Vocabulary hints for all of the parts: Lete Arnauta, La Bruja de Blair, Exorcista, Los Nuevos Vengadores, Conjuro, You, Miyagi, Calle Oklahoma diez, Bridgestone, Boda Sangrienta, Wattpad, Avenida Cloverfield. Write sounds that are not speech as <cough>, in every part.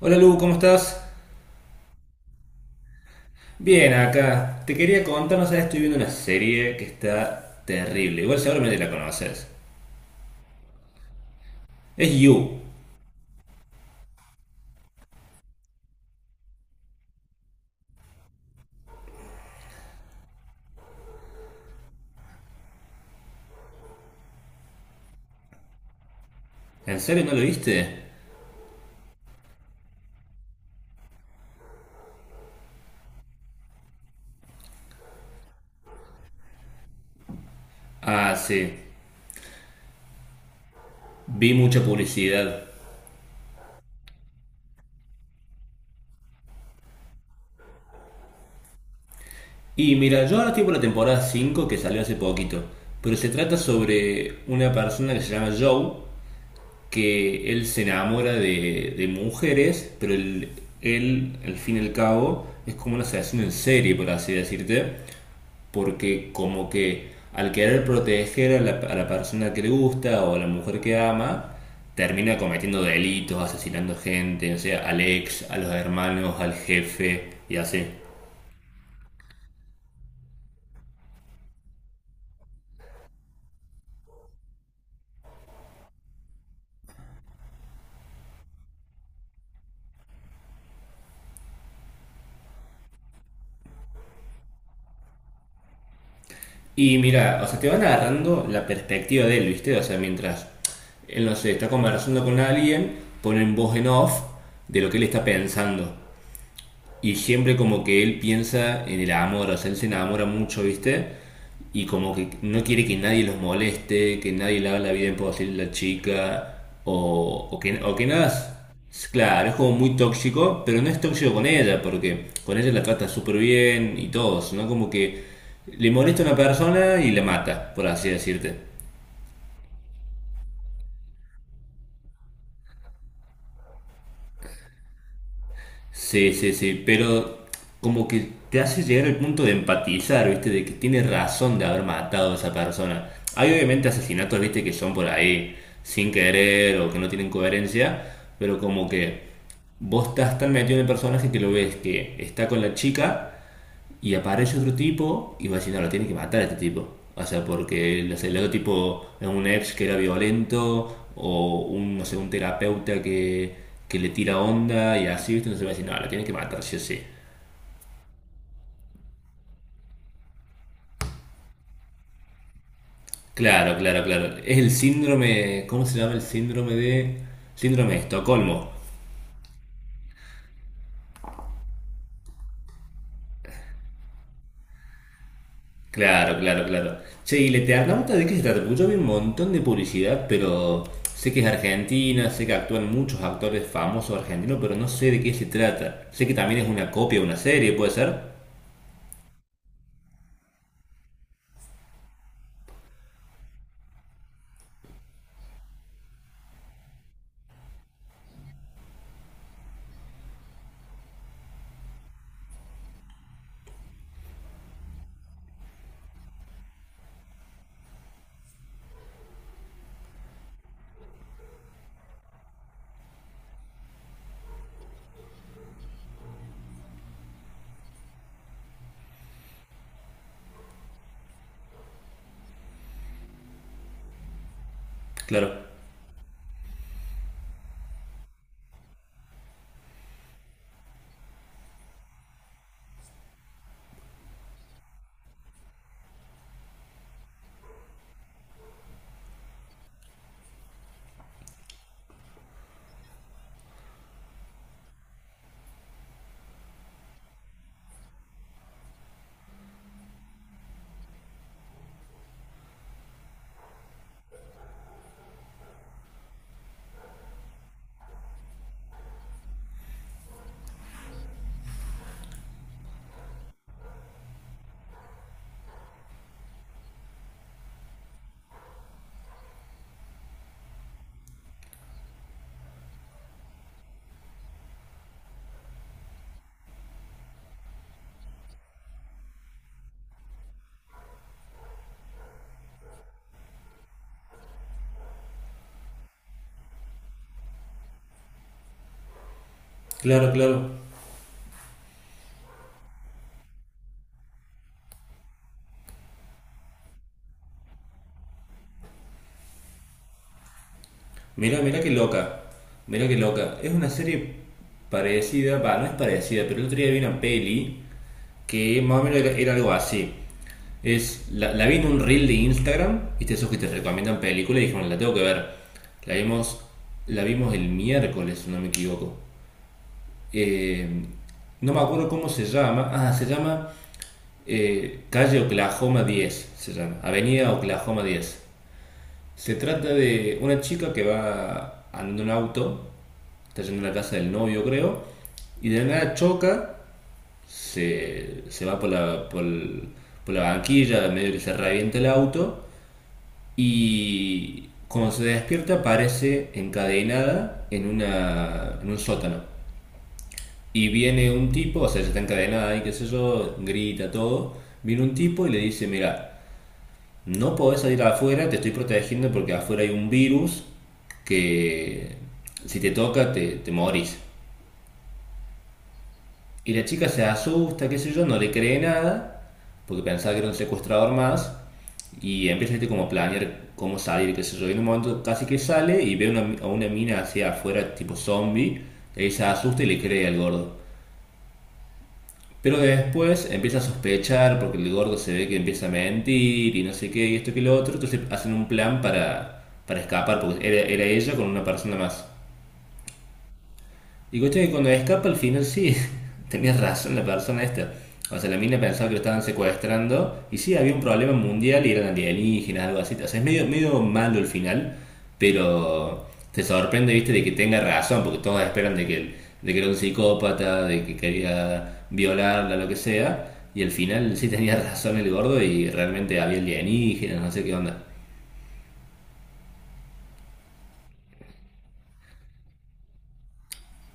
Hola Lu, ¿cómo estás? Bien, acá. Te quería contar, no sabes, estoy viendo una serie que está terrible. Igual seguramente la conoces. Es You. ¿En serio no lo viste? Ah, sí. Vi mucha publicidad. Y mira, yo ahora estoy por la temporada 5 que salió hace poquito. Pero se trata sobre una persona que se llama Joe, que él se enamora de mujeres, pero él, al fin y al cabo, es como un asesino en serie, por así decirte. Porque como que al querer proteger a la persona que le gusta o a la mujer que ama, termina cometiendo delitos, asesinando gente, o sea, al ex, a los hermanos, al jefe y así. Y mira, o sea, te van agarrando la perspectiva de él, ¿viste? O sea, mientras él, no sé, está conversando con alguien, ponen voz en off de lo que él está pensando. Y siempre como que él piensa en el amor, o sea, él se enamora mucho, ¿viste? Y como que no quiere que nadie los moleste, que nadie le haga la vida imposible a la chica, o que nada. Claro, es como muy tóxico, pero no es tóxico con ella, porque con ella la trata súper bien y todo, ¿no? Como que le molesta a una persona y la mata, por así decirte. Sí, sí, sí, pero como que te hace llegar al punto de empatizar, ¿viste? De que tiene razón de haber matado a esa persona. Hay obviamente asesinatos, ¿viste? Que son por ahí sin querer o que no tienen coherencia, pero como que vos estás tan metido en el personaje que lo ves que está con la chica y aparece otro tipo y va a decir, no, lo tiene que matar a este tipo. O sea, porque no el otro tipo es un ex que era violento o un, no sé, un terapeuta que le tira onda y así, ¿viste? Entonces va a decir, no, lo tiene que matar, sí o sí. Claro, claro, claro. Es el síndrome, ¿cómo se llama el síndrome de... Síndrome de Estocolmo. Claro, claro, claro. Che, y le Lete Arnauta, ¿de qué se trata? Porque yo vi un montón de publicidad, pero sé que es argentina, sé que actúan muchos actores famosos argentinos, pero no sé de qué se trata. Sé que también es una copia de una serie, ¿puede ser? Claro, claro, claro. Mira, mira qué loca. Mira qué loca. Es una serie parecida, va, no es parecida, pero el otro día vi una peli que más o menos era, era algo así. Es, la vi en un reel de Instagram, viste esos que te recomiendan películas y dijeron, la tengo que ver. La vimos, la vimos el miércoles, si no me equivoco. Eh, no me acuerdo cómo se llama. Ah, se llama Calle Oklahoma 10 se llama. Avenida Oklahoma 10. Se trata de una chica que va andando en un auto, está yendo a la casa del novio, creo, y de la nada choca, se va por la, por la banquilla, medio que se revienta el auto. Y cuando se despierta aparece encadenada en, una, en un sótano. Y viene un tipo, o sea, ya está encadenada y qué sé yo, grita todo. Viene un tipo y le dice, mira, no podés salir afuera, te estoy protegiendo porque afuera hay un virus que si te toca te morís. Y la chica se asusta, qué sé yo, no le cree nada, porque pensaba que era un secuestrador más, y empieza este, como a planear cómo salir, qué sé yo. Y en un momento casi que sale y ve una- a una mina hacia afuera, tipo zombie, y ahí se asusta y le cree al gordo. Pero después empieza a sospechar porque el gordo se ve que empieza a mentir y no sé qué, y esto que lo otro, entonces hacen un plan para escapar, porque era ella con una persona más. Y coche que cuando escapa al final sí, <laughs> tenía razón la persona esta. O sea, la mina pensaba que lo estaban secuestrando y sí, había un problema mundial y eran alienígenas, algo así. O sea, es medio, medio malo el final, pero te sorprende, viste, de que tenga razón, porque todos esperan de que era un psicópata, de que quería violarla, lo que sea. Y al final sí tenía <laughs> razón el gordo y realmente había alienígenas, no sé qué onda.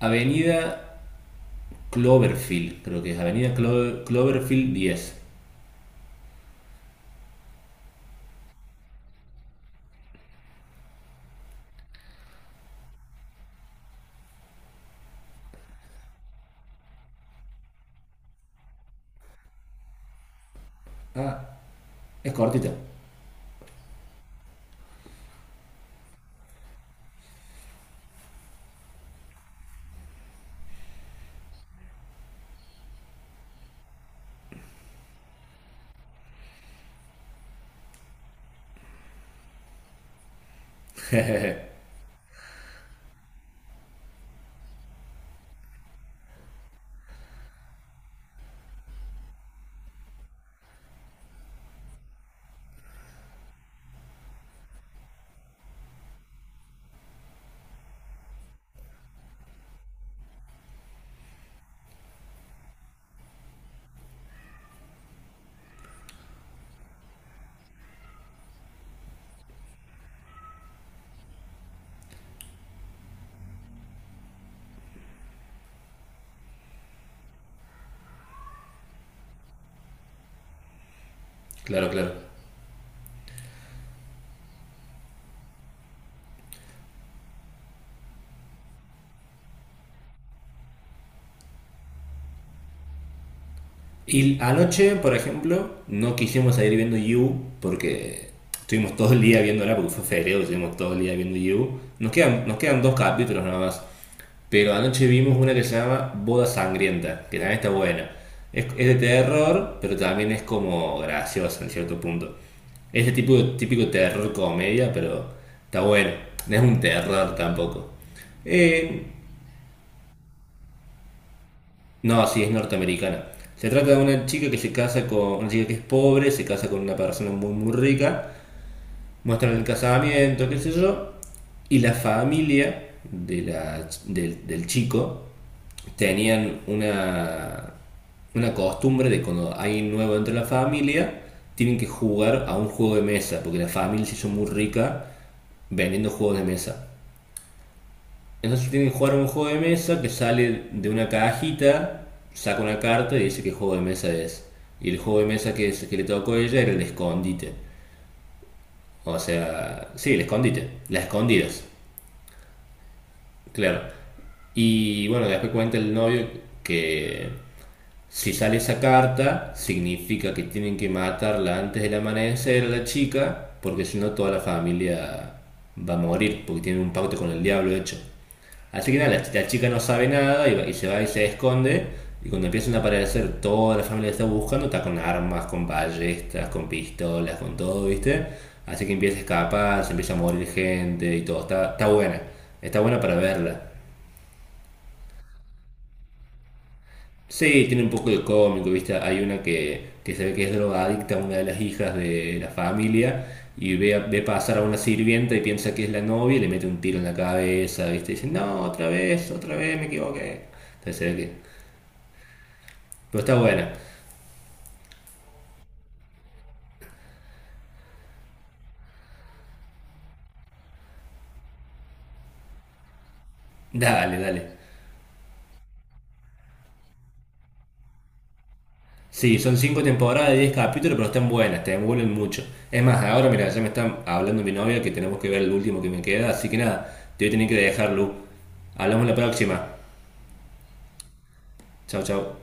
Avenida Cloverfield, creo que es Avenida Cloverfield 10. Ah, es cortita. Claro, claro. Y anoche, por ejemplo, no quisimos seguir viendo You porque estuvimos todo el día viéndola, porque fue febrero, estuvimos todo el día viendo You. Nos quedan dos capítulos nada más. Pero anoche vimos una que se llama Boda Sangrienta, que también está buena. Es de terror, pero también es como graciosa en cierto punto. Es de tipo, típico terror comedia, pero está bueno. No es un terror tampoco. Eh, No, sí, es norteamericana. Se trata de una chica que se casa con una chica que es pobre, se casa con una persona muy muy rica, muestran el casamiento, qué sé yo, y la familia de del chico tenían una costumbre de cuando hay un nuevo entre la familia, tienen que jugar a un juego de mesa, porque la familia se hizo muy rica vendiendo juegos de mesa. Entonces tienen que jugar un juego de mesa que sale de una cajita, saca una carta y dice qué juego de mesa es. Y el juego de mesa que, es- que le tocó a ella era el escondite. O sea, sí, el escondite, las escondidas, claro. Y bueno, después cuenta el novio que si sale esa carta, significa que tienen que matarla antes del amanecer a la chica, porque si no toda la familia va a morir, porque tiene un pacto con el diablo hecho. Así que nada, la chica no sabe nada y, y se va y se esconde. Y cuando empiezan a aparecer toda la familia que está buscando, está con armas, con ballestas, con pistolas, con todo, ¿viste? Así que empieza a escapar, se empieza a morir gente y todo. Está, está buena para verla. Sí, tiene un poco de cómico, ¿viste? Hay una que se ve que es drogadicta, una de las hijas de la familia, y ve, ve pasar a una sirvienta y piensa que es la novia y le mete un tiro en la cabeza, ¿viste? Y dice, no, otra vez, me equivoqué. Entonces se ve que... Pero está buena. Dale, dale. Sí, son cinco temporadas de 10 capítulos, pero están buenas, te envuelven mucho. Es más, ahora, mira, ya me está hablando mi novia que tenemos que ver el último que me queda, así que nada, te voy a tener que dejarlo. Hablamos la próxima. Chao, chao.